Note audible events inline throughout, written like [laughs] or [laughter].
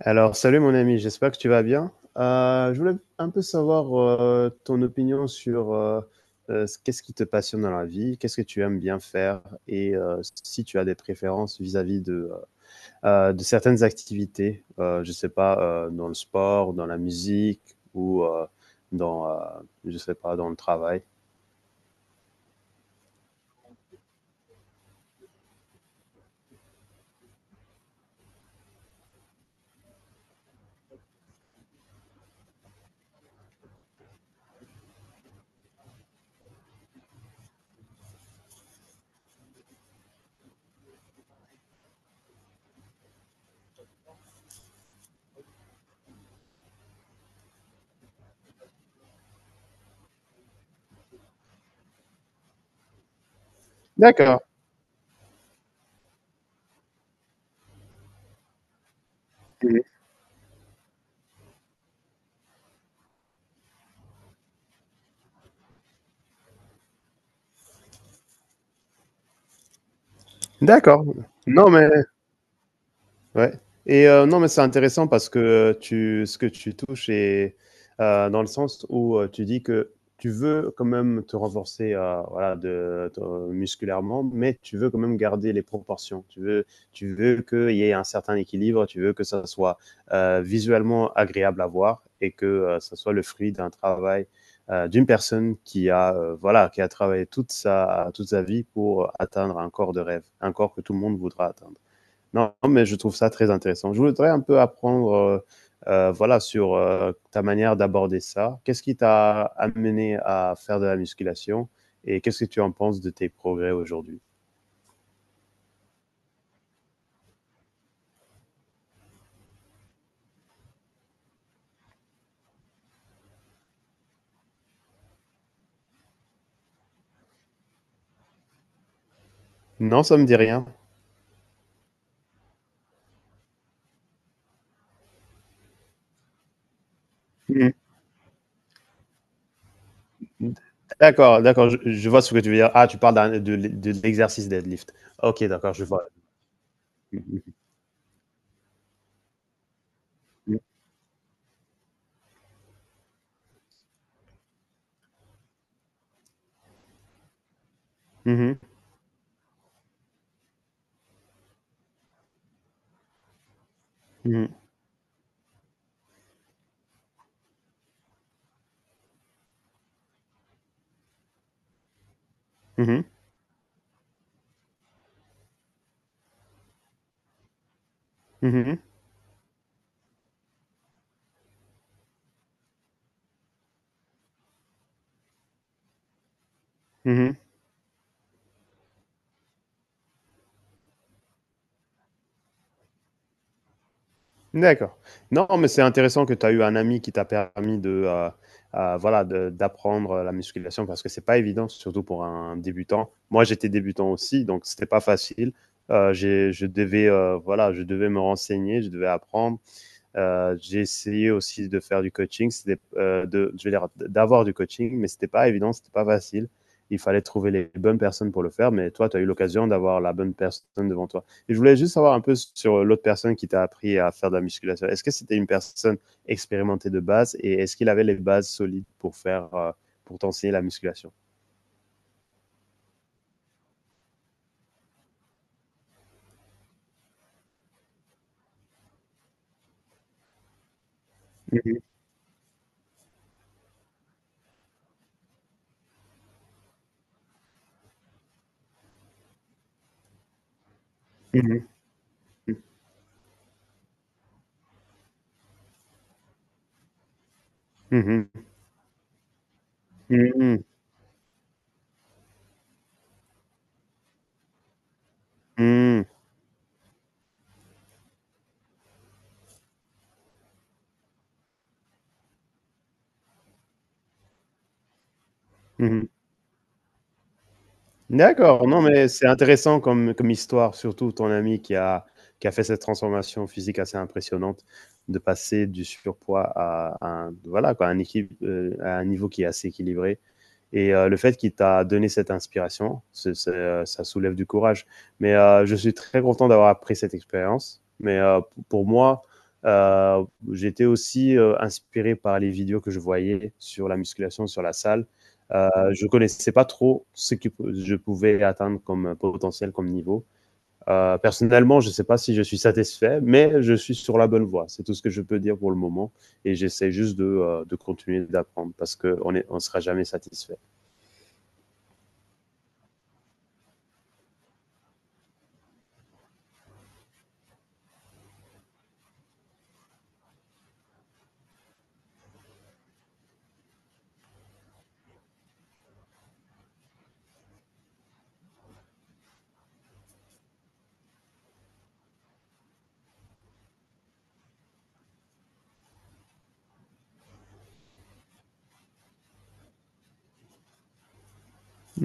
Alors, salut mon ami, j'espère que tu vas bien. Je voulais un peu savoir ton opinion sur qu'est-ce qui te passionne dans la vie, qu'est-ce que tu aimes bien faire et si tu as des préférences vis-à-vis de certaines activités, je sais pas, dans le sport, dans la musique ou dans, euh, je sais pas, dans le travail. D'accord. Mhm. D'accord. Non, mais. Ouais. Et non, mais c'est intéressant parce que, tu ce que tu touches est, dans le sens où, tu dis que tu veux quand même te renforcer, voilà, de te musculairement, mais tu veux quand même garder les proportions. Tu veux qu'il y ait un certain équilibre, tu veux que ça soit, visuellement agréable à voir et que, ça soit le fruit d'un travail, d'une personne qui a, voilà, qui a travaillé toute sa vie pour atteindre un corps de rêve, un corps que tout le monde voudra atteindre. Non, mais je trouve ça très intéressant. Je voudrais un peu apprendre, voilà, sur ta manière d'aborder ça. Qu'est-ce qui t'a amené à faire de la musculation et qu'est-ce que tu en penses de tes progrès aujourd'hui? Non, ça me dit rien. Mmh. D'accord, d'accord, je vois ce que tu veux dire. Ah, tu parles de l'exercice deadlift. Ok, d'accord, je vois. Mmh mh. Mmh mh. Mmh mh. Mmh. Mmh. Mmh. D'accord. Non, mais c'est intéressant que tu as eu un ami qui t'a permis de, voilà, de d'apprendre la musculation parce que c'est pas évident, surtout pour un débutant. Moi, j'étais débutant aussi, donc c'était pas facile. J'ai Je devais, voilà, je devais me renseigner, je devais apprendre. J'ai essayé aussi de faire du coaching, c'était de, je vais dire d'avoir du coaching, mais c'était pas évident, c'était pas facile. Il fallait trouver les bonnes personnes pour le faire, mais toi, tu as eu l'occasion d'avoir la bonne personne devant toi. Et je voulais juste savoir un peu sur l'autre personne qui t'a appris à faire de la musculation. Est-ce que c'était une personne expérimentée de base et est-ce qu'il avait les bases solides pour faire, pour t'enseigner la musculation. Mhm, mhm, mhm, mhm, mhm. D'accord, non, mais c'est intéressant comme histoire, surtout ton ami qui a fait cette transformation physique assez impressionnante, de passer du surpoids à un voilà quoi, un équipe, à un niveau qui est assez équilibré et le fait qu'il t'a donné cette inspiration, ça soulève du courage. Mais je suis très content d'avoir appris cette expérience. Mais pour moi, euh, j'étais aussi inspiré par les vidéos que je voyais sur la musculation, sur la salle. Euh, je connaissais pas trop ce que je pouvais atteindre comme potentiel, comme niveau. Personnellement, je ne sais pas si je suis satisfait, mais je suis sur la bonne voie. C'est tout ce que je peux dire pour le moment. Et j'essaie juste de continuer d'apprendre parce qu'on ne sera jamais satisfait.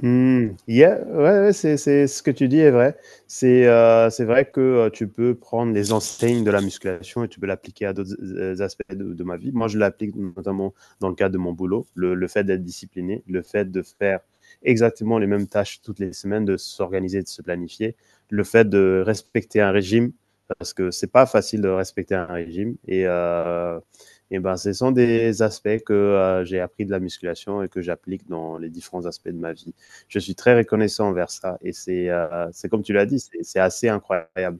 Mmh, yeah, ouais, ouais, c'est ce que tu dis est vrai. C'est vrai que, tu peux prendre les enseignes de la musculation et tu peux l'appliquer à d'autres z aspects de ma vie. Moi, je l'applique notamment dans le cadre de mon boulot, le fait d'être discipliné, le fait de faire exactement les mêmes tâches toutes les semaines, de s'organiser, de se planifier, le fait de respecter un régime parce que c'est pas facile de respecter un régime et ben, ce sont des aspects que, j'ai appris de la musculation et que j'applique dans les différents aspects de ma vie je suis très reconnaissant envers ça. Et c'est comme tu l'as dit, c'est, assez incroyable.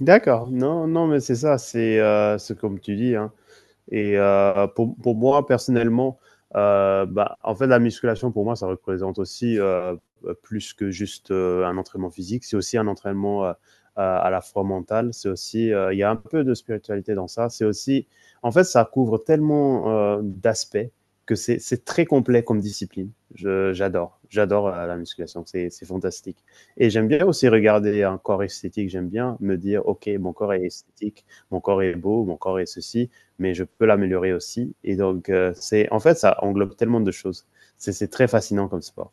D'accord. Non, non, mais c'est ça, c'est comme tu dis. Hein. Et moi, personnellement, en fait, la musculation, pour moi, ça représente aussi plus que juste un entraînement physique. C'est aussi un entraînement à la fois mental. C'est aussi, il y a un peu de spiritualité dans ça. C'est aussi, en fait, ça couvre tellement d'aspects que c'est très complet comme discipline. J'adore la musculation, c'est fantastique. Et j'aime bien aussi regarder un corps esthétique, j'aime bien me dire, ok, mon corps est esthétique, mon corps est beau, mon corps est ceci, mais je peux l'améliorer aussi. Et donc, c'est en fait, ça englobe tellement de choses. C'est très fascinant comme sport.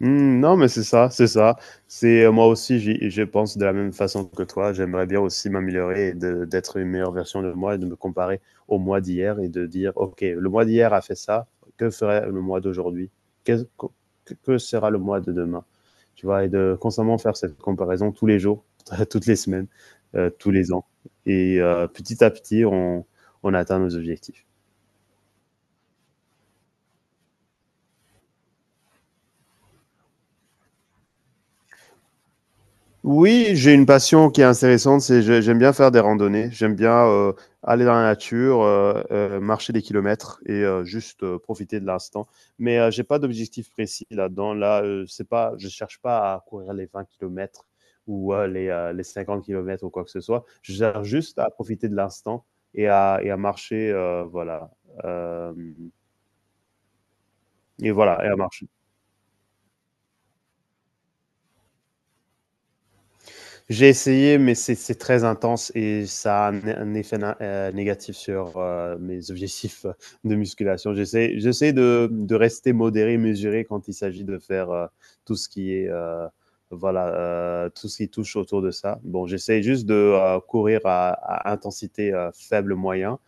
Mmh, non, mais c'est ça, c'est ça. C'est moi aussi, je pense de la même façon que toi. J'aimerais bien aussi m'améliorer et d'être une meilleure version de moi et de me comparer au mois d'hier et de dire, OK, le mois d'hier a fait ça, que ferait le mois d'aujourd'hui? Qu'est- co- que sera le mois de demain? Tu vois, et de constamment faire cette comparaison tous les jours, [laughs] toutes les semaines, tous les ans. Et petit à petit, on atteint nos objectifs. Oui, j'ai une passion qui est intéressante, c'est je j'aime bien faire des randonnées, j'aime bien, aller dans la nature, marcher des kilomètres et profiter de l'instant. Mais j'ai pas d'objectif précis là-dedans. Là, c'est pas je cherche pas à courir les 20 kilomètres ou les 50 kilomètres ou quoi que ce soit. Je cherche juste à profiter de l'instant et à marcher, voilà, hem et voilà et à marcher. J'ai essayé, mais c'est très intense et ça a un effet négatif sur mes objectifs de musculation. J'essaie de rester modéré, mesuré quand il s'agit de faire tout ce qui est, voilà, tout ce qui touche autour de ça. Bon, j'essaie juste de courir à intensité faible moyen.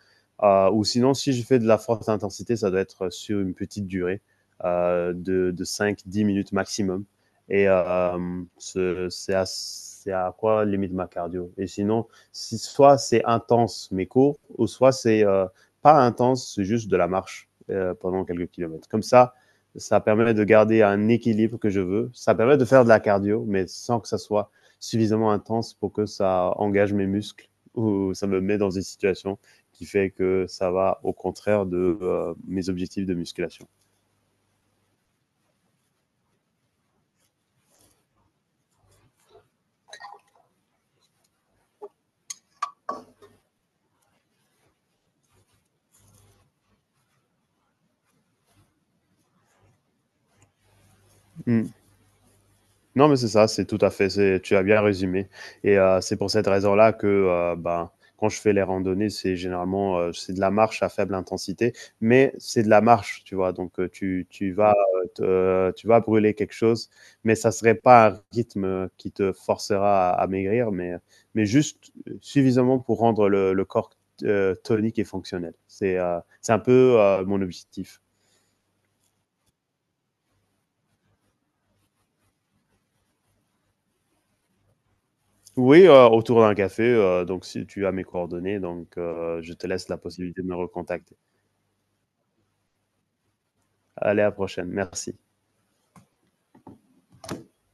Ou sinon, si je fais de la forte intensité, ça doit être sur une petite durée de 5-10 minutes maximum. Et c'est à quoi limite ma cardio. Et sinon, si, soit c'est intense mais court, ou soit c'est pas intense, c'est juste de la marche pendant quelques kilomètres. Comme ça permet de garder un équilibre que je veux. Ça permet de faire de la cardio, mais sans que ça soit suffisamment intense pour que ça engage mes muscles [laughs] ou ça me met dans une situation qui fait que ça va au contraire de mes objectifs de musculation. Mm. Non, mais c'est ça, c'est tout à fait, c'est tu as bien résumé et c'est pour cette raison-là que, ben, quand je fais les randonnées, c'est généralement, c'est de la marche à faible intensité, mais c'est de la marche, tu vois? Donc tu vas, te tu vas brûler quelque chose, mais ça serait pas un rythme, qui te forcera à maigrir, mais juste, suffisamment pour rendre le corps, tonique et fonctionnel. C'est un peu, mon objectif. Oui, autour d'un café, donc si tu as mes coordonnées, donc je te laisse la possibilité de me recontacter. Allez, à la prochaine, merci.